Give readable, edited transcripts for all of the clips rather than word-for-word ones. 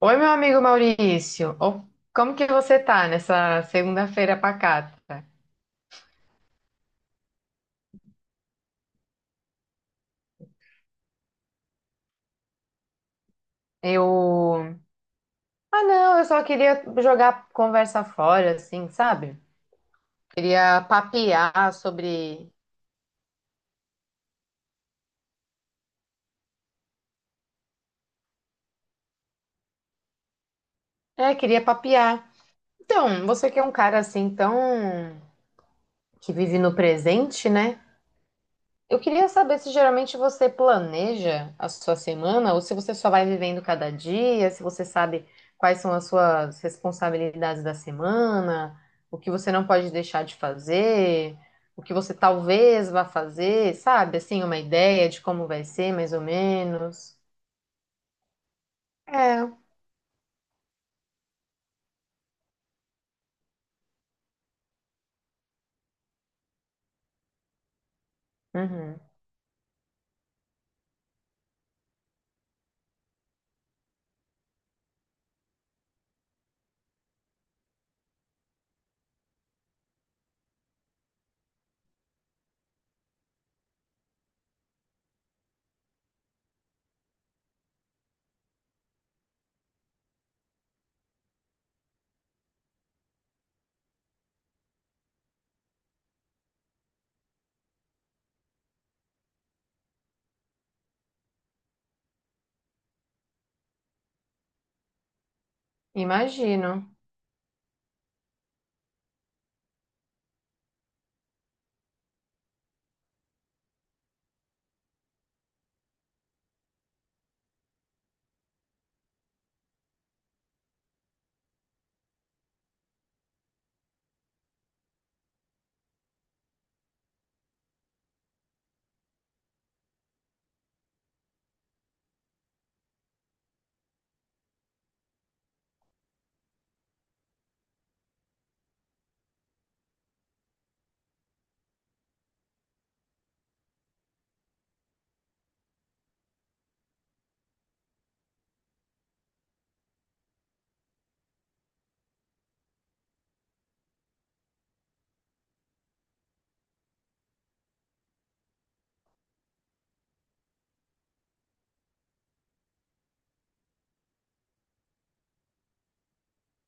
Oi, meu amigo Maurício. Ô, como que você tá nessa segunda-feira pacata? Eu. Ah, não, eu só queria jogar conversa fora, assim, sabe? Queria papear sobre. É, queria papear. Então, você que é um cara assim tão. Que vive no presente, né? Eu queria saber se geralmente você planeja a sua semana ou se você só vai vivendo cada dia, se você sabe quais são as suas responsabilidades da semana, o que você não pode deixar de fazer, o que você talvez vá fazer, sabe? Assim, uma ideia de como vai ser, mais ou menos. É. Uhum. Imagino.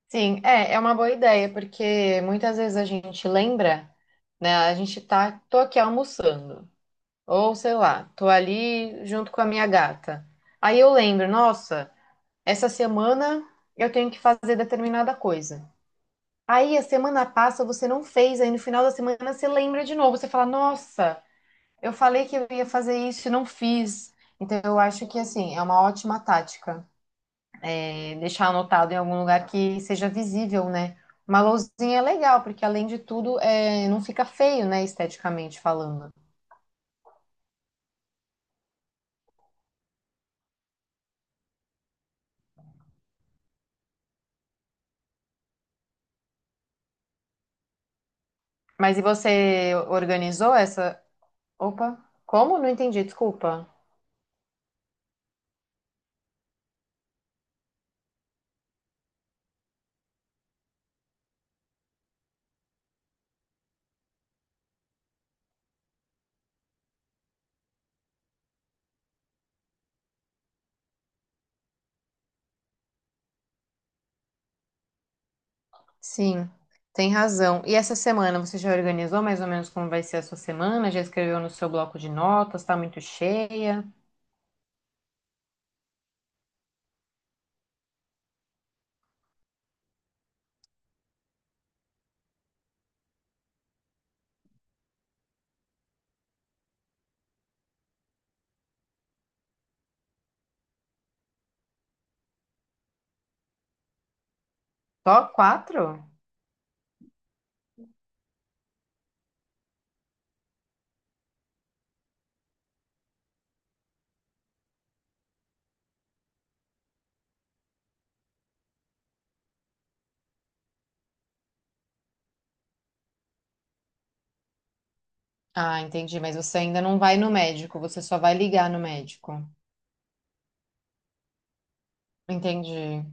Sim, é, é uma boa ideia, porque muitas vezes a gente lembra, né? A gente tá, tô aqui almoçando. Ou sei lá, tô ali junto com a minha gata. Aí eu lembro, nossa, essa semana eu tenho que fazer determinada coisa. Aí a semana passa, você não fez, aí no final da semana você lembra de novo, você fala, nossa, eu falei que eu ia fazer isso e não fiz. Então eu acho que assim, é uma ótima tática. É deixar anotado em algum lugar que seja visível, né? Uma lousinha é legal, porque além de tudo, é, não fica feio, né, esteticamente falando. Mas e você organizou essa, opa, como? Não entendi, desculpa. Sim, tem razão. E essa semana você já organizou mais ou menos como vai ser a sua semana? Já escreveu no seu bloco de notas? Tá muito cheia? Só quatro? Ah, entendi, mas você ainda não vai no médico, você só vai ligar no médico. Entendi.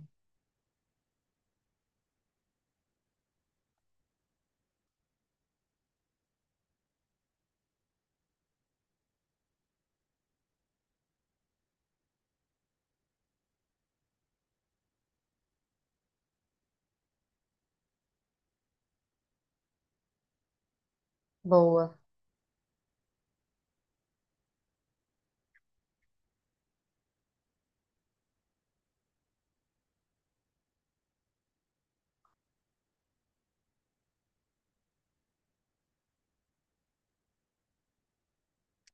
Boa.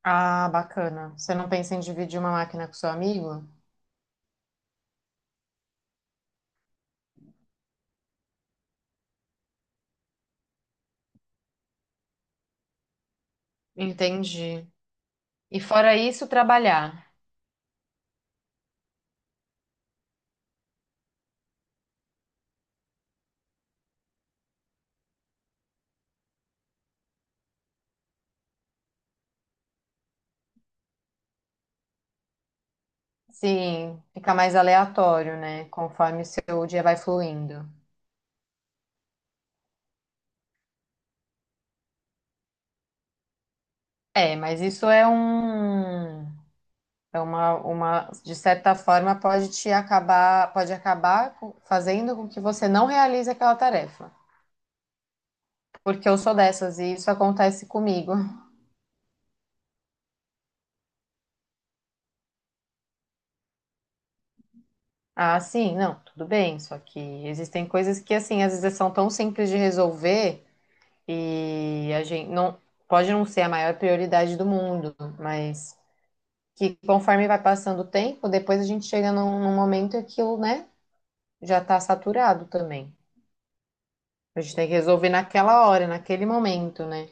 Ah, bacana. Você não pensa em dividir uma máquina com seu amigo? Entendi. E fora isso, trabalhar. Sim, fica mais aleatório, né? Conforme o seu dia vai fluindo. É, mas isso é um, é uma, de certa forma, pode te acabar, pode acabar com- fazendo com que você não realize aquela tarefa. Porque eu sou dessas e isso acontece comigo. Ah, sim, não, tudo bem. Só que existem coisas que, assim, às vezes são tão simples de resolver e a gente não pode não ser a maior prioridade do mundo, mas que conforme vai passando o tempo, depois a gente chega num momento que aquilo, né, já tá saturado também. A gente tem que resolver naquela hora, naquele momento, né?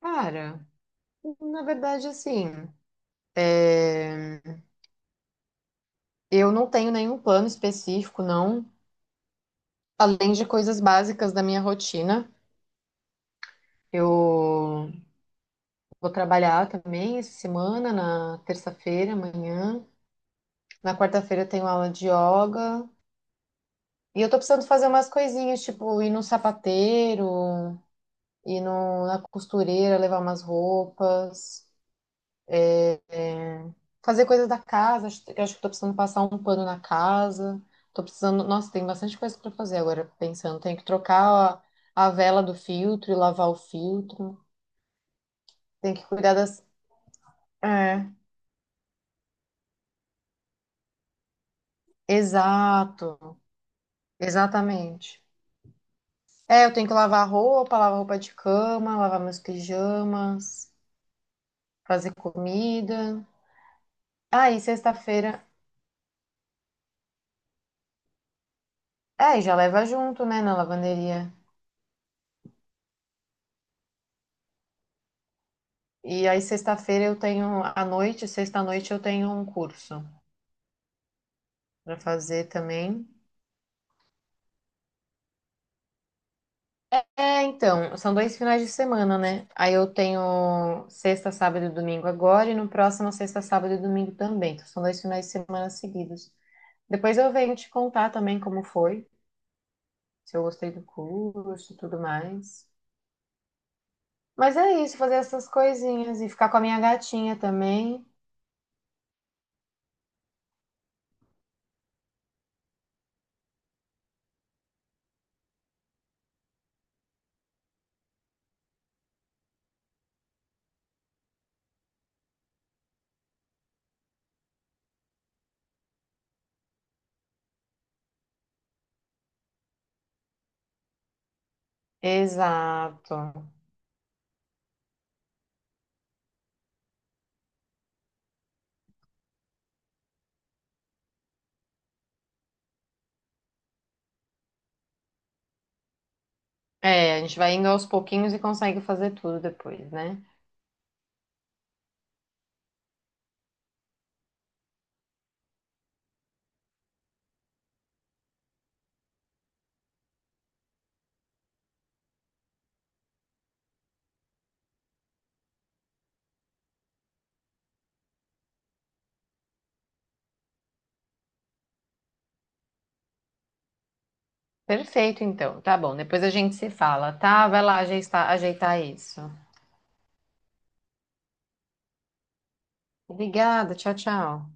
Cara, na verdade, assim, é, eu não tenho nenhum plano específico, não. Além de coisas básicas da minha rotina. Eu vou trabalhar também essa semana, na terça-feira, amanhã. Na quarta-feira eu tenho aula de yoga. E eu tô precisando fazer umas coisinhas, tipo, ir no sapateiro, ir no, na costureira, levar umas roupas. Fazer coisas da casa, acho eu acho que tô precisando passar um pano na casa. Tô precisando. Nossa, tem bastante coisa para fazer agora, pensando. Tenho que trocar a vela do filtro e lavar o filtro. Tem que cuidar das. É, exato, exatamente. É, eu tenho que lavar roupa de cama, lavar meus pijamas, fazer comida. Aí, sexta-feira. É, e já leva junto, né, na lavanderia. E aí, sexta-feira eu tenho. À noite, sexta-noite eu tenho um curso. Pra fazer também. É, então, são dois finais de semana, né? Aí eu tenho sexta, sábado e domingo agora, e no próximo sexta, sábado e domingo também. Então, são dois finais de semana seguidos. Depois eu venho te contar também como foi, se eu gostei do curso e tudo mais. Mas é isso, fazer essas coisinhas e ficar com a minha gatinha também. Exato. É, a gente vai indo aos pouquinhos e consegue fazer tudo depois, né? Perfeito, então. Tá bom. Depois a gente se fala, tá? Vai lá ajeitar, ajeitar isso. Obrigada, tchau, tchau.